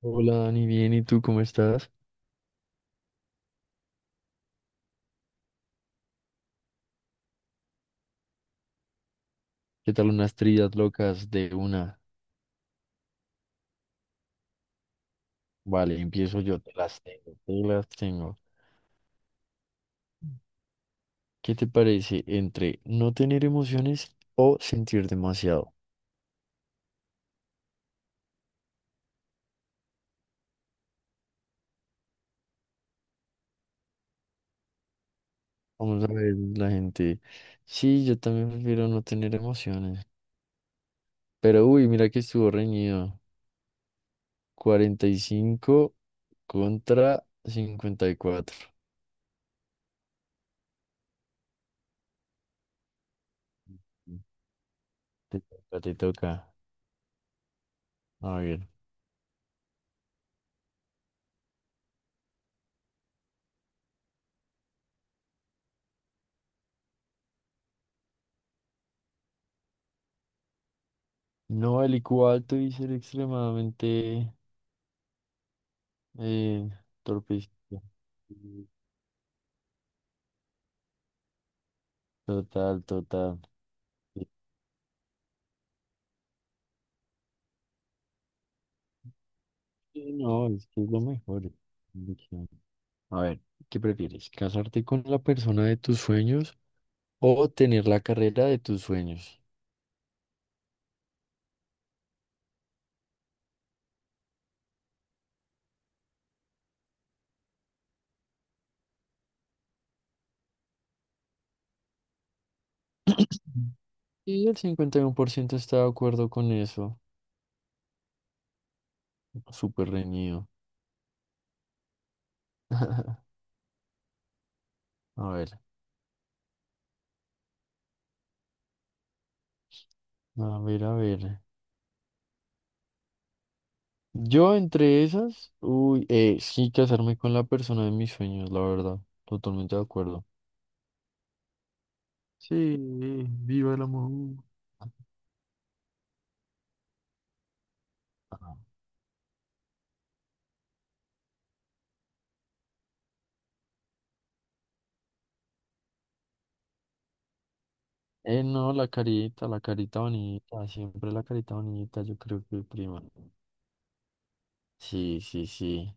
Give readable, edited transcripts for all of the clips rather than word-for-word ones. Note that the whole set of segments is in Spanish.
Hola Dani, bien, ¿y tú cómo estás? ¿Qué tal unas trillas locas de una? Vale, empiezo yo, te las tengo, te las tengo. ¿Qué te parece entre no tener emociones o sentir demasiado? Vamos a ver la gente. Sí, yo también prefiero no tener emociones. Pero uy, mira que estuvo reñido. 45 contra 54. Te toca, te toca. A ver. No, el IQ alto y ser extremadamente Eh, torpecito. Total, total. Es No, es que es lo mejor. Es una opción. A ver, ¿qué prefieres? ¿Casarte con la persona de tus sueños o tener la carrera de tus sueños? Mm. Y el 51% está de acuerdo con eso. Súper reñido. A ver, a ver, a ver. Yo entre esas, uy, sí, casarme con la persona de mis sueños, la verdad. Totalmente de acuerdo. Sí, viva el amor. No, la carita bonita, siempre la carita bonita, yo creo que prima. Sí, sí, sí.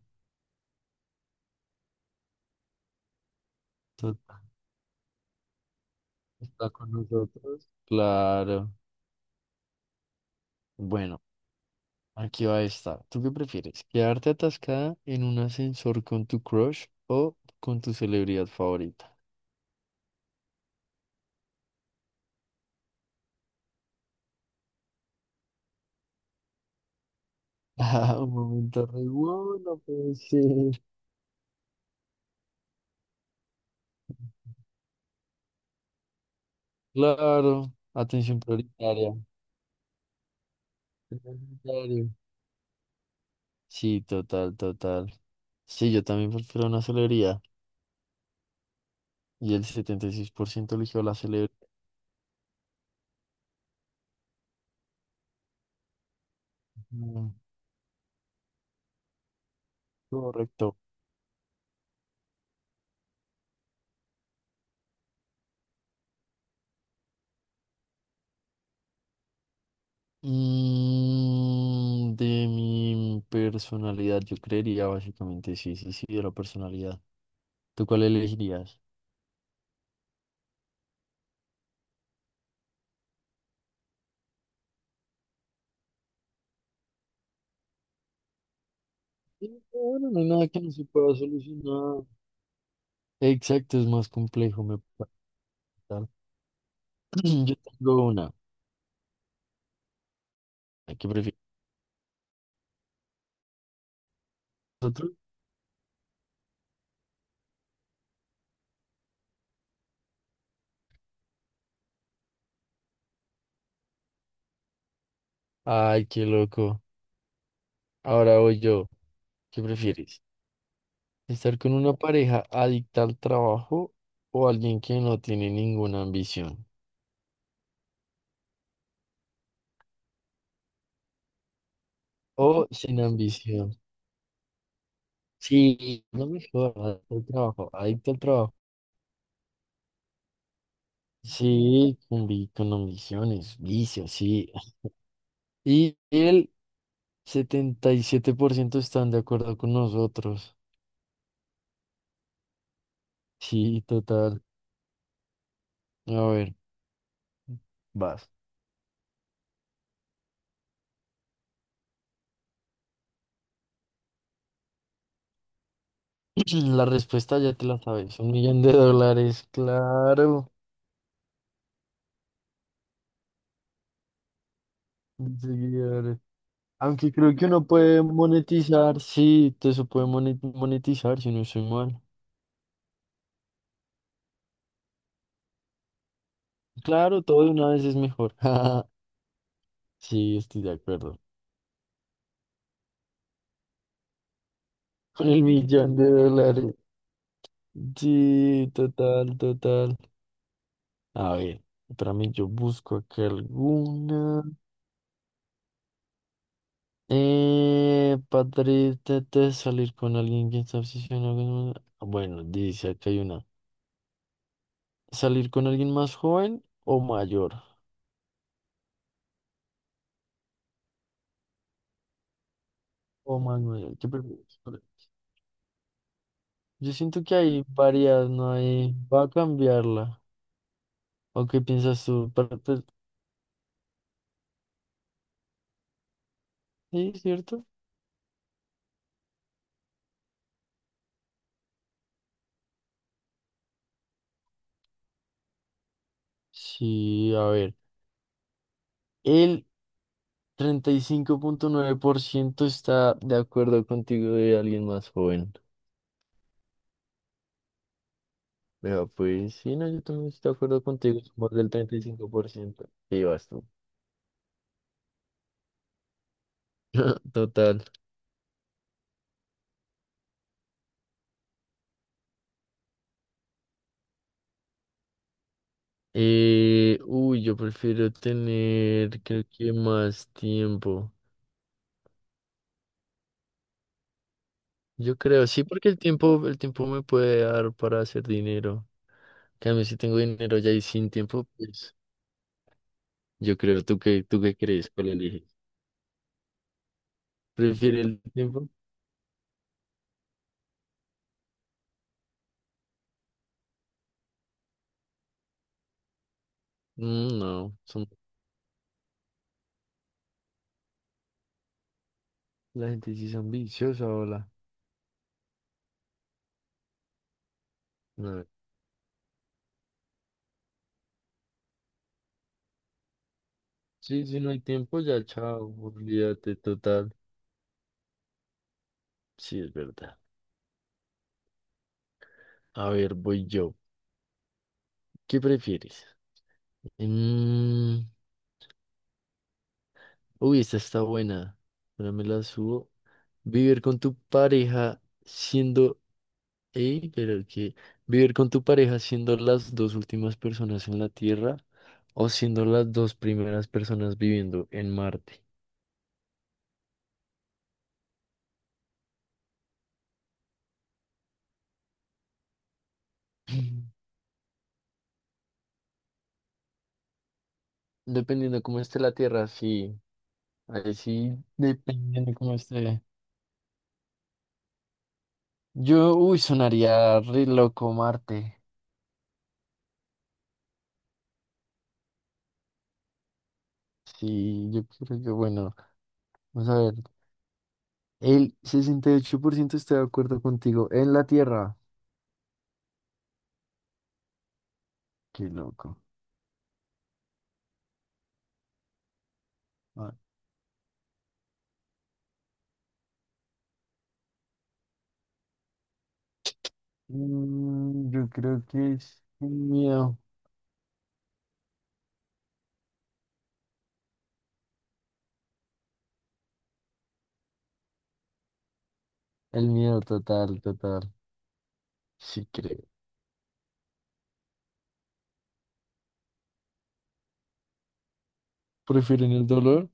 Tú- Está con nosotros. Claro. Bueno, aquí va esta. ¿Tú qué prefieres? ¿Quedarte atascada en un ascensor con tu crush o con tu celebridad favorita? Ah, un momento re wow, no puede ser. Claro, atención prioritaria. Prioritario. Sí, total, total. Sí, yo también prefiero una celebridad. Y el 76% eligió la celebridad. Mm. Correcto. De mi personalidad, yo creería básicamente, sí, sí, sí, de la personalidad. ¿Tú cuál elegirías? Sí, bueno, no hay nada que no se pueda solucionar. Exacto, es más complejo, me parece. Yo tengo una. ¿Qué prefieres? ¿Otro? Ay, qué loco. Ahora voy yo. ¿Qué prefieres? ¿Estar con una pareja adicta al trabajo o alguien que no tiene ninguna ambición? O sin ambición. Sí, no mejor jodas, el trabajo, adicto al trabajo. Sí, con ambiciones, vicios, sí. Y el 77% están de acuerdo con nosotros. Sí, total. A ver, vas. La respuesta ya te la sabes, 1 millón de dólares, claro, de seguidores. Aunque creo que uno puede monetizar, sí, todo eso puede monetizar si no estoy mal. Claro, todo de una vez es mejor. Sí, estoy de acuerdo. Con el 1 millón de dólares. Sí, total, total. A ver, para mí yo busco acá alguna. Padre, salir con alguien que está obsesionado con... Bueno, dice acá hay una. ¿Salir con alguien más joven o mayor? O más mayor, ¿qué prefieres? Yo siento que hay varias, no hay... Va a cambiarla. ¿O qué piensas tú? Pues, sí, ¿cierto? Sí, a ver. Él 35,9% está de acuerdo contigo de alguien más joven. Vea, pues sí, no, yo también estoy de acuerdo contigo, somos del 35%. Sí, vas tú. Total. Uy, yo prefiero tener, creo que más tiempo. Yo creo, sí, porque el tiempo me puede dar para hacer dinero. En cambio, si tengo dinero ya y sin tiempo, pues yo creo, ¿tú qué crees? ¿Cuál eliges? ¿prefiero el tiempo? No, son. La gente sí es ambiciosa, hola. No, sí, si no hay tiempo, ya chao, olvídate total. Sí, es verdad. A ver, voy yo. ¿Qué prefieres? Mm. Uy, esta está buena. Ahora me la subo. Vivir con tu pareja siendo... Ey, pero que... Vivir con tu pareja siendo las dos últimas personas en la Tierra o siendo las dos primeras personas viviendo en Marte. Mm. Dependiendo cómo esté la Tierra, sí. Ahí sí, dependiendo cómo esté. Yo, uy, sonaría re loco Marte. Sí, yo creo que, bueno, vamos a ver. El 68% está de acuerdo contigo. En la Tierra. Qué loco. Ah, yo creo que es el miedo. El miedo total, total. Sí, creo. ¿Prefieren el dolor?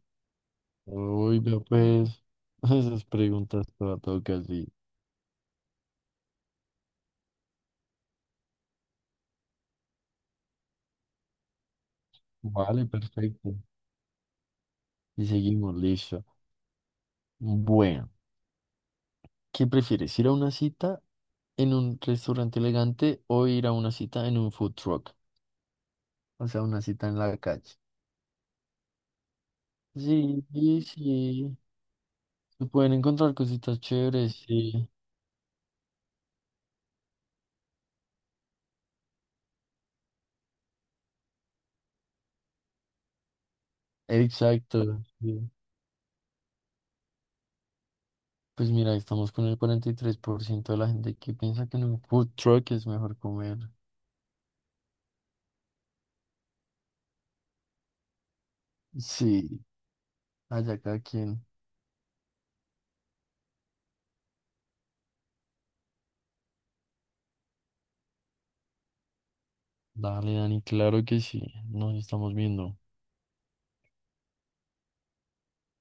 Uy, vea pues. Esas preguntas para todo casi. Vale, perfecto. Y seguimos, listo. Bueno. ¿Qué prefieres, ir a una cita en un restaurante elegante o ir a una cita en un food truck? O sea, una cita en la calle. Sí, sí, sí. Se pueden encontrar cositas chéveres, sí. Exacto, sí. Pues mira, estamos con el 43% de la gente que piensa que en un food truck es mejor comer. Sí, allá cada quien. Dale, Dani, claro que sí. Nos estamos viendo.